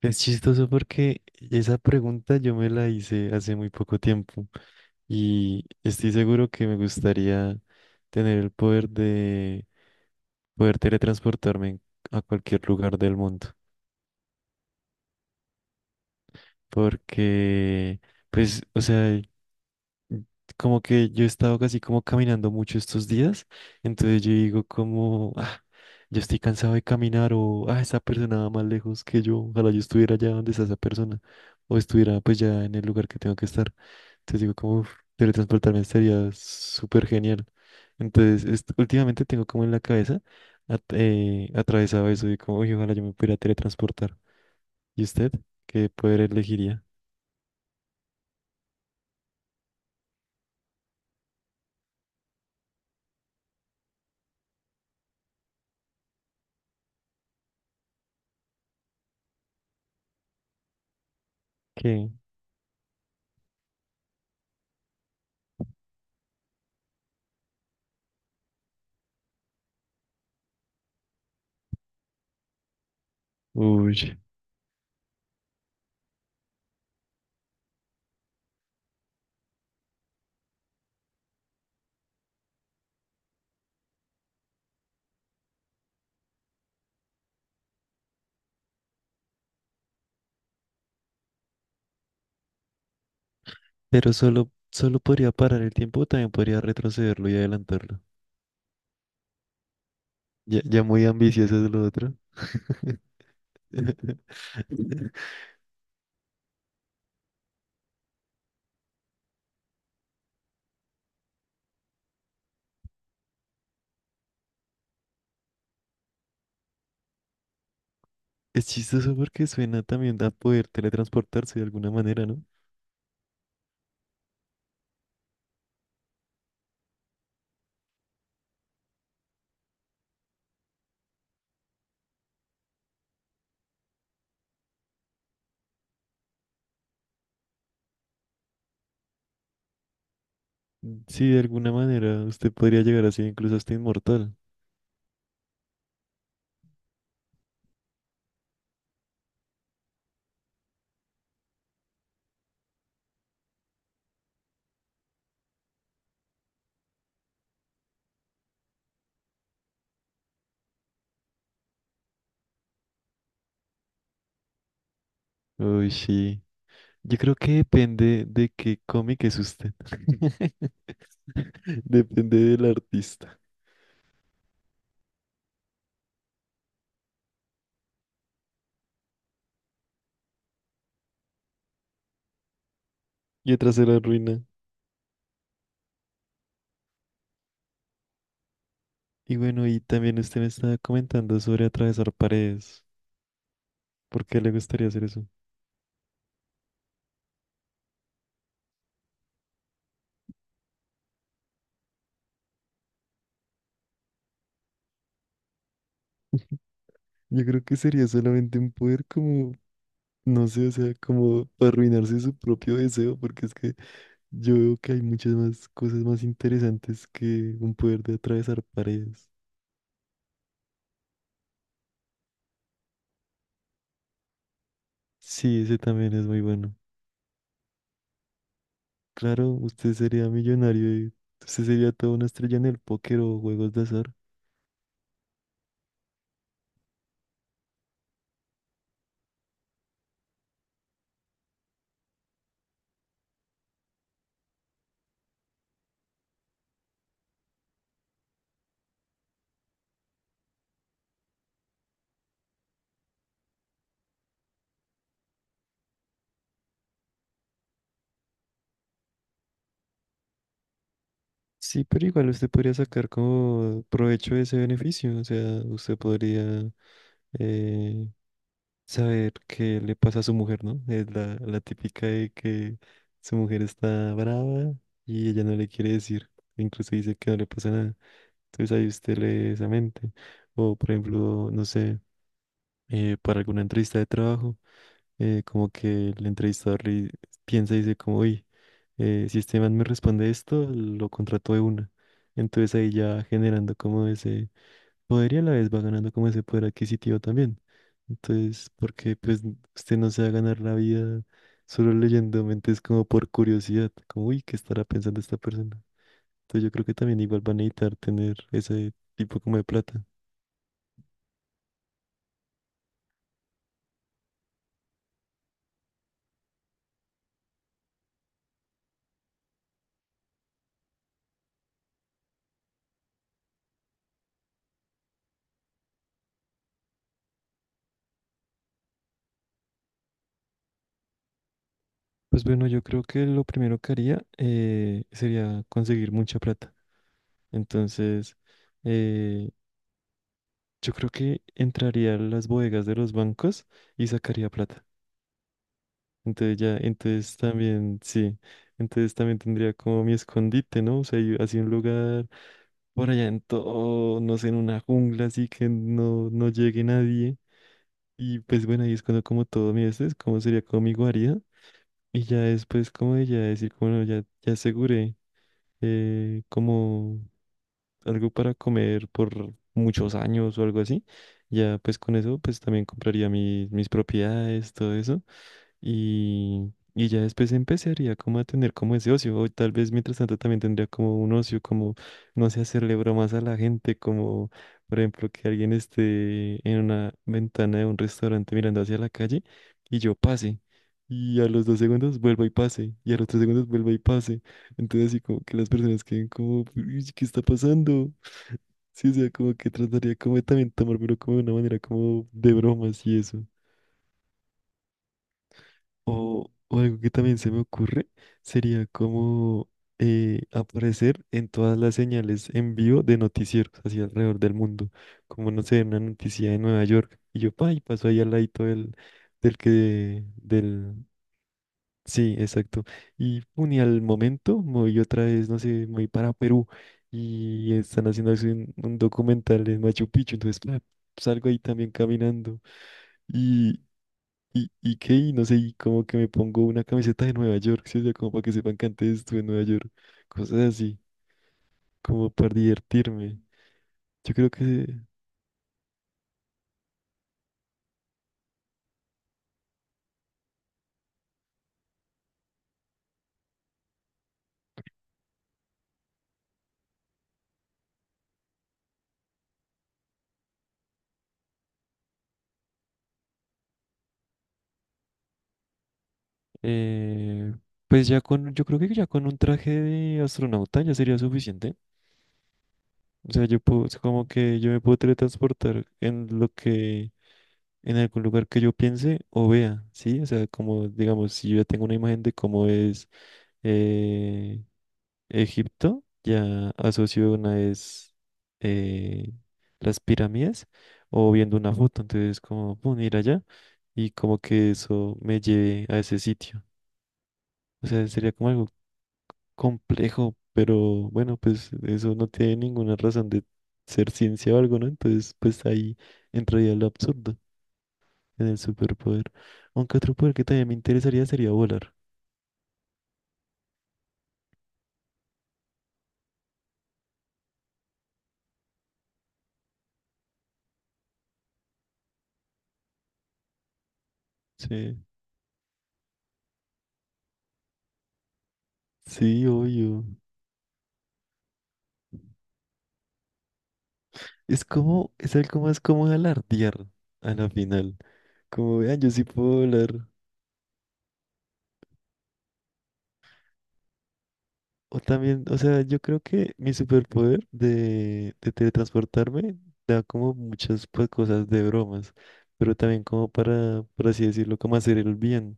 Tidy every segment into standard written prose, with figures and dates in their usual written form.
Es chistoso porque esa pregunta yo me la hice hace muy poco tiempo y estoy seguro que me gustaría tener el poder de poder teletransportarme a cualquier lugar del mundo. Porque, pues, o sea, como que yo he estado casi como caminando mucho estos días, entonces yo digo como, ah, yo estoy cansado de caminar o, ah, esa persona va más lejos que yo, ojalá yo estuviera allá donde está esa persona o estuviera pues ya en el lugar que tengo que estar. Entonces digo, como: "Uf, teletransportarme sería súper genial". Entonces, últimamente tengo como en la cabeza atravesado eso de como: "Uy, ojalá yo me pudiera teletransportar". ¿Y usted qué poder elegiría? ¿Qué? Uy. Pero, ¿solo, solo podría parar el tiempo, o también podría retrocederlo y adelantarlo? Ya, muy ambicioso es lo otro. Es chistoso porque suena también a poder teletransportarse de alguna manera, ¿no? Sí, de alguna manera usted podría llegar así, incluso hasta inmortal. Uy, sí. Yo creo que depende de qué cómic es usted. Depende del artista. Y otra se la ruina. Y bueno, y también usted me estaba comentando sobre atravesar paredes. ¿Por qué le gustaría hacer eso? Yo creo que sería solamente un poder como, no sé, o sea, como arruinarse su propio deseo, porque es que yo veo que hay muchas más cosas más interesantes que un poder de atravesar paredes. Sí, ese también es muy bueno. Claro, usted sería millonario y usted sería toda una estrella en el póker o juegos de azar. Sí, pero igual usted podría sacar como provecho de ese beneficio. O sea, usted podría eh, saber qué le pasa a su mujer, ¿no? Es la típica de que su mujer está brava y ella no le quiere decir. Incluso dice que no le pasa nada. Entonces ahí usted lee esa mente. O por ejemplo, no sé, para alguna entrevista de trabajo. Como que el entrevistador le piensa y dice como: uy, si este man me responde esto, lo contrato de una. Entonces ahí ya generando como ese poder y a la vez va ganando como ese poder adquisitivo también. Entonces, porque pues usted no se va a ganar la vida solo leyendo mentes como por curiosidad, como: uy, ¿qué estará pensando esta persona? Entonces yo creo que también igual van a necesitar tener ese tipo como de plata. Pues bueno, yo creo que lo primero que haría, sería conseguir mucha plata. Entonces, eh, yo creo que entraría a las bodegas de los bancos y sacaría plata. Entonces ya, entonces también, sí, entonces también tendría como mi escondite, ¿no? O sea, así un lugar por allá en todo, no sé, en una jungla, así que no, no llegue nadie. Y pues bueno, ahí es cuando como todo mi este, es como sería como mi guarida. Y ya después, como de ya decir, como: bueno, ya, ya aseguré como algo para comer por muchos años o algo así. Ya pues con eso pues también compraría mis propiedades, todo eso. Y ya después empezaría como a tener como ese ocio. O tal vez mientras tanto también tendría como un ocio, como, no sé, hacerle bromas a la gente, como por ejemplo que alguien esté en una ventana de un restaurante mirando hacia la calle y yo pase. Y a los dos segundos vuelva y pase. Y a los tres segundos vuelva y pase. Entonces, así como que las personas queden como: "Uy, ¿qué está pasando?". Sí, o sea, como que trataría como de también tomármelo como de una manera como de bromas y eso. O algo que también se me ocurre sería como aparecer en todas las señales en vivo de noticieros hacia alrededor del mundo. Como, no sé, una noticia de Nueva York. Y yo, pa, y paso ahí al ladito del. Sí, exacto. Y, pum, y al momento me voy otra vez, no sé, me voy para Perú y están haciendo así un documental en Machu Picchu, entonces pa, salgo ahí también caminando y, y qué, y no sé, y como que me pongo una camiseta de Nueva York, ¿sí? O sea, como para que sepan que antes estuve en Nueva York, cosas así, como para divertirme. Yo creo que, eh, pues ya con, yo creo que ya con un traje de astronauta ya sería suficiente. O sea, yo puedo, es como que yo me puedo teletransportar en lo que, en algún lugar que yo piense o vea, ¿sí? O sea, como, digamos, si yo ya tengo una imagen de cómo es eh, Egipto, ya asocio una es eh, las pirámides o viendo una foto, entonces como, pum, ir allá y como que eso me lleve a ese sitio. O sea, sería como algo complejo, pero bueno, pues eso no tiene ninguna razón de ser ciencia o algo, ¿no? Entonces, pues ahí entraría lo absurdo en el superpoder. Aunque otro poder que también me interesaría sería volar. Sí, sí, obvio. Es como, es algo más como alardear a la final. Como vean, yo sí puedo volar. O también, o sea, yo creo que mi superpoder de teletransportarme da como muchas pues, cosas de bromas, pero también como para, por así decirlo, como hacer el bien.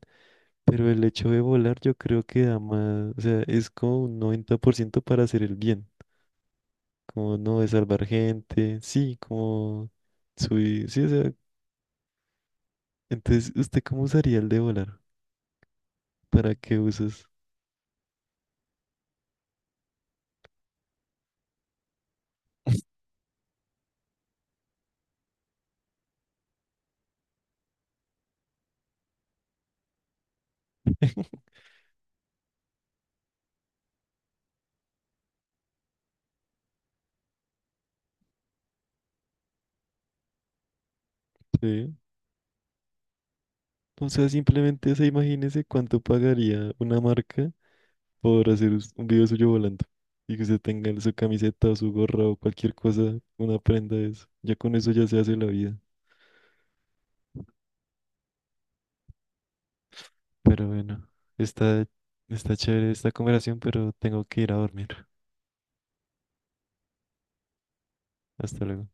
Pero el hecho de volar yo creo que da más, o sea, es como un 90% para hacer el bien, como no, de salvar gente, sí, como subir, sí, o sea, entonces, ¿usted cómo usaría el de volar? ¿Para qué usas? Sí. O sea, simplemente se imagínese cuánto pagaría una marca por hacer un video suyo volando y que usted tenga su camiseta o su gorra o cualquier cosa, una prenda de eso. Ya con eso ya se hace la vida. Pero bueno, está, está chévere esta conversación, pero tengo que ir a dormir. Hasta luego.